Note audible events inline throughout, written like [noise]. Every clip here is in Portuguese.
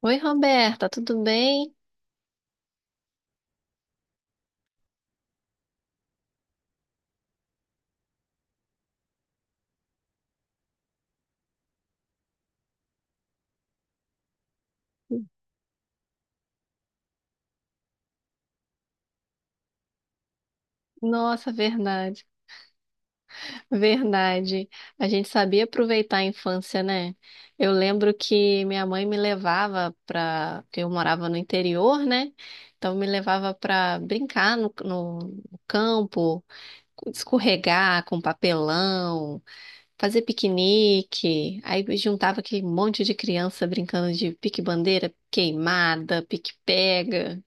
Oi, Roberta, tudo bem? Nossa, verdade, verdade. A gente sabia aproveitar a infância, né? Eu lembro que minha mãe me levava para, porque eu morava no interior, né? Então me levava para brincar no campo, escorregar com papelão, fazer piquenique. Aí juntava aquele monte de criança brincando de pique-bandeira, queimada, pique-pega.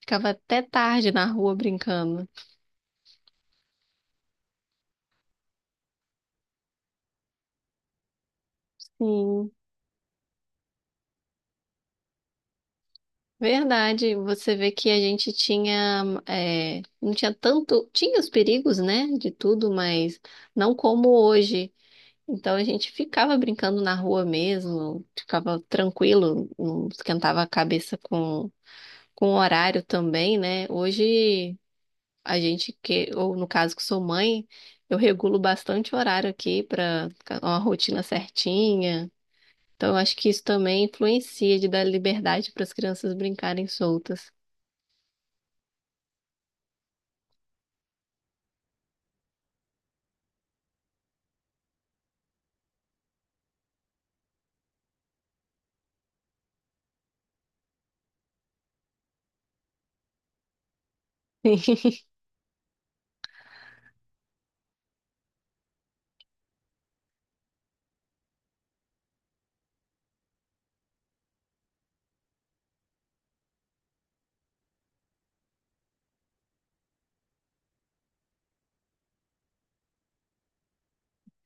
Ficava até tarde na rua brincando. Sim. Verdade, você vê que a gente tinha, é, não tinha tanto, tinha os perigos, né, de tudo, mas não como hoje. Então a gente ficava brincando na rua mesmo, ficava tranquilo, não esquentava a cabeça com o horário também, né? Hoje a gente que, ou no caso que sou mãe, eu regulo bastante o horário aqui para uma rotina certinha. Então eu acho que isso também influencia de dar liberdade para as crianças brincarem soltas. Sim, [laughs]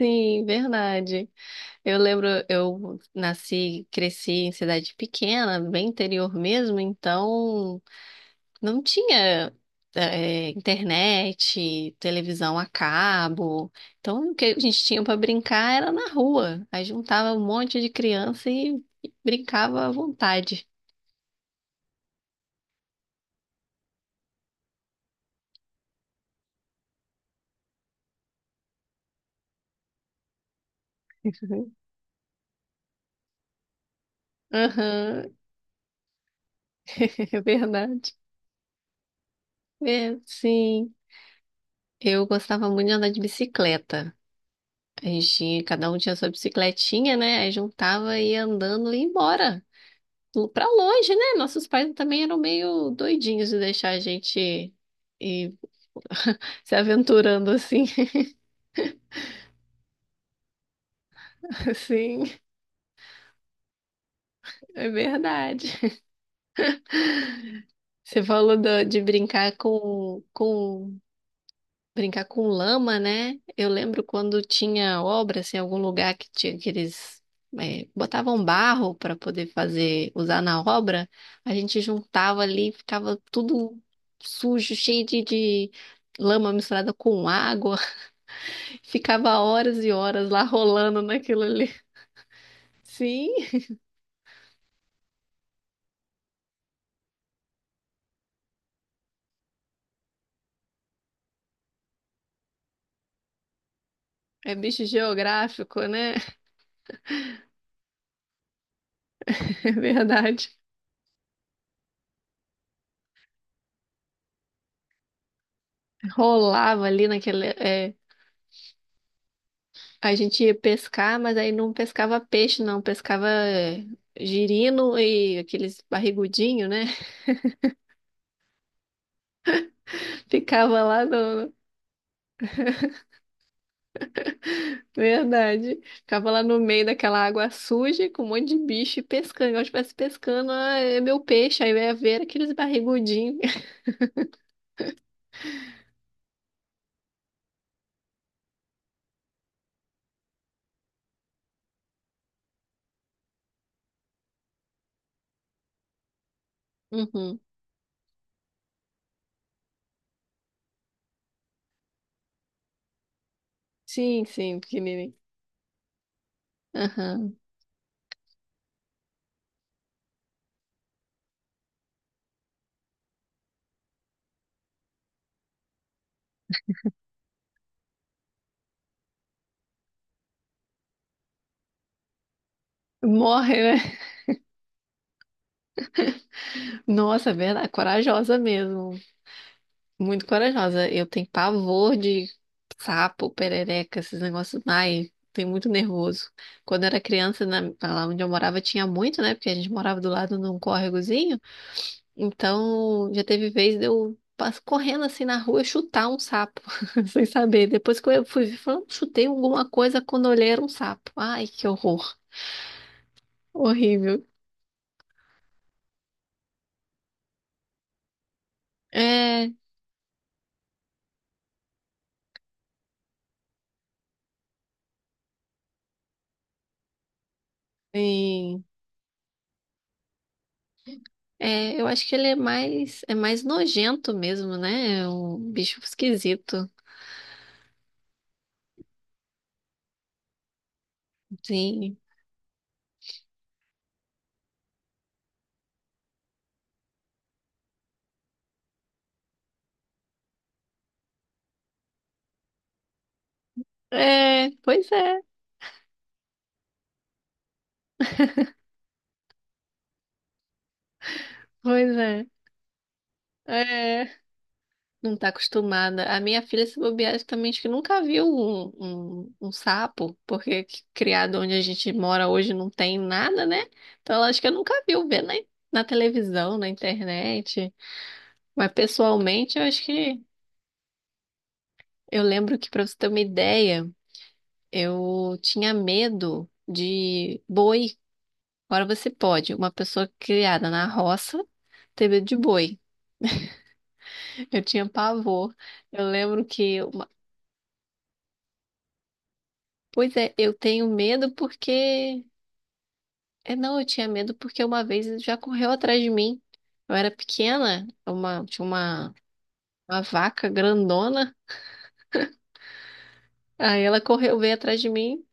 sim, verdade. Eu lembro, eu nasci, cresci em cidade pequena, bem interior mesmo, então não tinha internet, televisão a cabo. Então o que a gente tinha para brincar era na rua. Aí juntava um monte de criança e brincava à vontade. [laughs] Aham, [laughs] é verdade. É, sim, eu gostava muito de andar de bicicleta. A gente tinha, cada um tinha sua bicicletinha, né? Aí juntava e ia andando e ia embora. Pra longe, né? Nossos pais também eram meio doidinhos de deixar a gente ir [laughs] se aventurando assim. [laughs] Sim, é verdade. Você falou de brincar com brincar com lama, né? Eu lembro quando tinha obra, assim, em algum lugar que tinha aqueles. Botavam barro para poder fazer, usar na obra, a gente juntava ali, ficava tudo sujo, cheio de lama misturada com água, [laughs] ficava horas e horas lá rolando naquilo ali. Sim, é bicho geográfico, né? [laughs] É verdade. Rolava ali naquele. É. A gente ia pescar, mas aí não pescava peixe, não. Pescava girino e aqueles barrigudinhos, né? [laughs] Ficava lá no. Verdade. Ficava lá no meio daquela água suja com um monte de bicho e pescando. Igual se estivesse pescando, ah, é meu peixe. Aí eu ia ver aqueles barrigudinhos. [laughs] Uhum. Sim, sim, pequenininho. Aham. Morre, né? Nossa, é verdade. Corajosa mesmo. Muito corajosa. Eu tenho pavor de sapo, perereca, esses negócios. Ai, tenho muito nervoso. Quando eu era criança, lá onde eu morava, tinha muito, né? Porque a gente morava do lado de um córregozinho. Então, já teve vez de eu correndo assim na rua e chutar um sapo, [laughs] sem saber. Depois que eu fui ver, falando, chutei alguma coisa quando eu olhei era um sapo. Ai, que horror. Horrível. É, sim. É, eu acho que ele é mais nojento mesmo, né? É um bicho esquisito. Sim. É, pois é, pois é. É, não tá acostumada. A minha filha, se bobear, também acho que nunca viu um sapo, porque criado onde a gente mora hoje não tem nada, né? Então ela acho que nunca viu ver né? Na televisão, na internet. Mas pessoalmente, eu acho que. Eu lembro que, pra você ter uma ideia, eu tinha medo de boi. Agora você pode, uma pessoa criada na roça, ter medo de boi. Eu tinha pavor. Eu lembro que. Pois é, eu tenho medo porque. É, não, eu tinha medo porque uma vez ele já correu atrás de mim. Eu era pequena, uma... tinha uma vaca grandona. Aí ela correu, veio atrás de mim.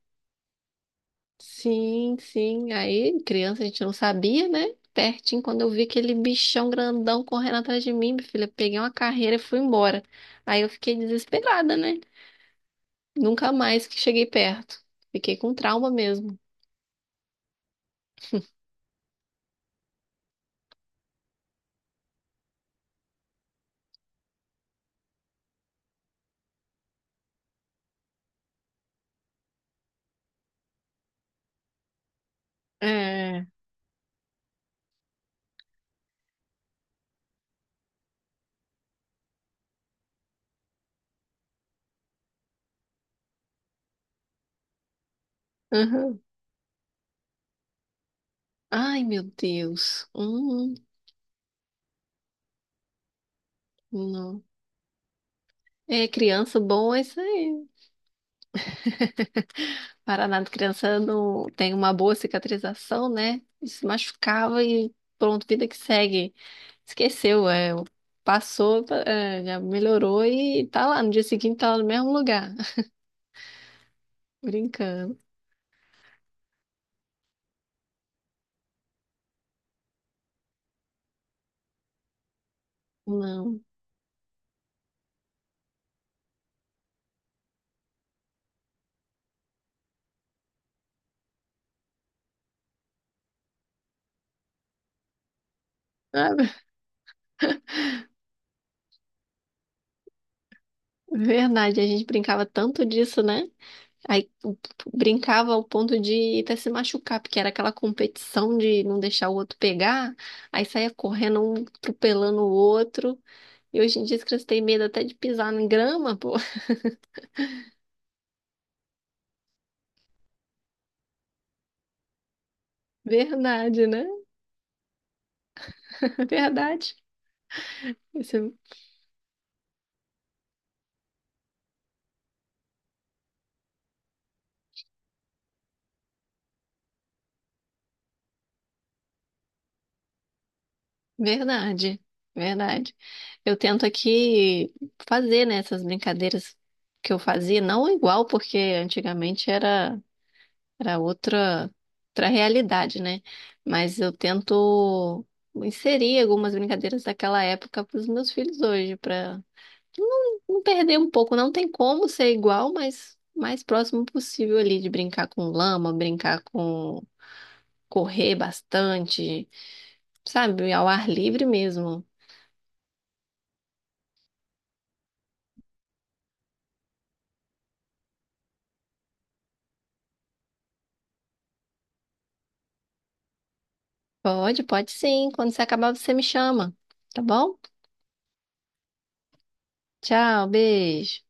Sim, sim. Aí, criança, a gente não sabia, né? Pertinho, quando eu vi aquele bichão grandão correndo atrás de mim, minha filha, peguei uma carreira e fui embora. Aí eu fiquei desesperada, né? Nunca mais que cheguei perto. Fiquei com trauma mesmo. É. Aham. Ai, meu Deus. Não. É, criança bom é isso aí. Paraná de criança não tem uma boa cicatrização, né? Se machucava e pronto, vida que segue. Esqueceu, é, passou, é, já melhorou e tá lá. No dia seguinte tá lá no mesmo lugar, [laughs] brincando. Não. Ah, [laughs] verdade, a gente brincava tanto disso, né? Aí o- Brincava ao ponto de até se machucar, porque era aquela competição de não deixar o outro pegar, aí saía correndo, um atropelando o outro. E hoje em dia as crianças têm medo até de pisar na grama, pô. [laughs] Verdade, né? [laughs] Verdade. Isso é verdade. Verdade. Eu tento aqui fazer, né, essas brincadeiras que eu fazia, não igual, porque antigamente era. era outra, Outra realidade, né? Mas eu tento inserir algumas brincadeiras daquela época para os meus filhos hoje, para não perder um pouco. Não tem como ser igual, mas mais próximo possível ali de brincar com lama, brincar com correr bastante, sabe? Ao ar livre mesmo. Pode, pode sim. Quando você acabar, você me chama, tá bom? Tchau, beijo.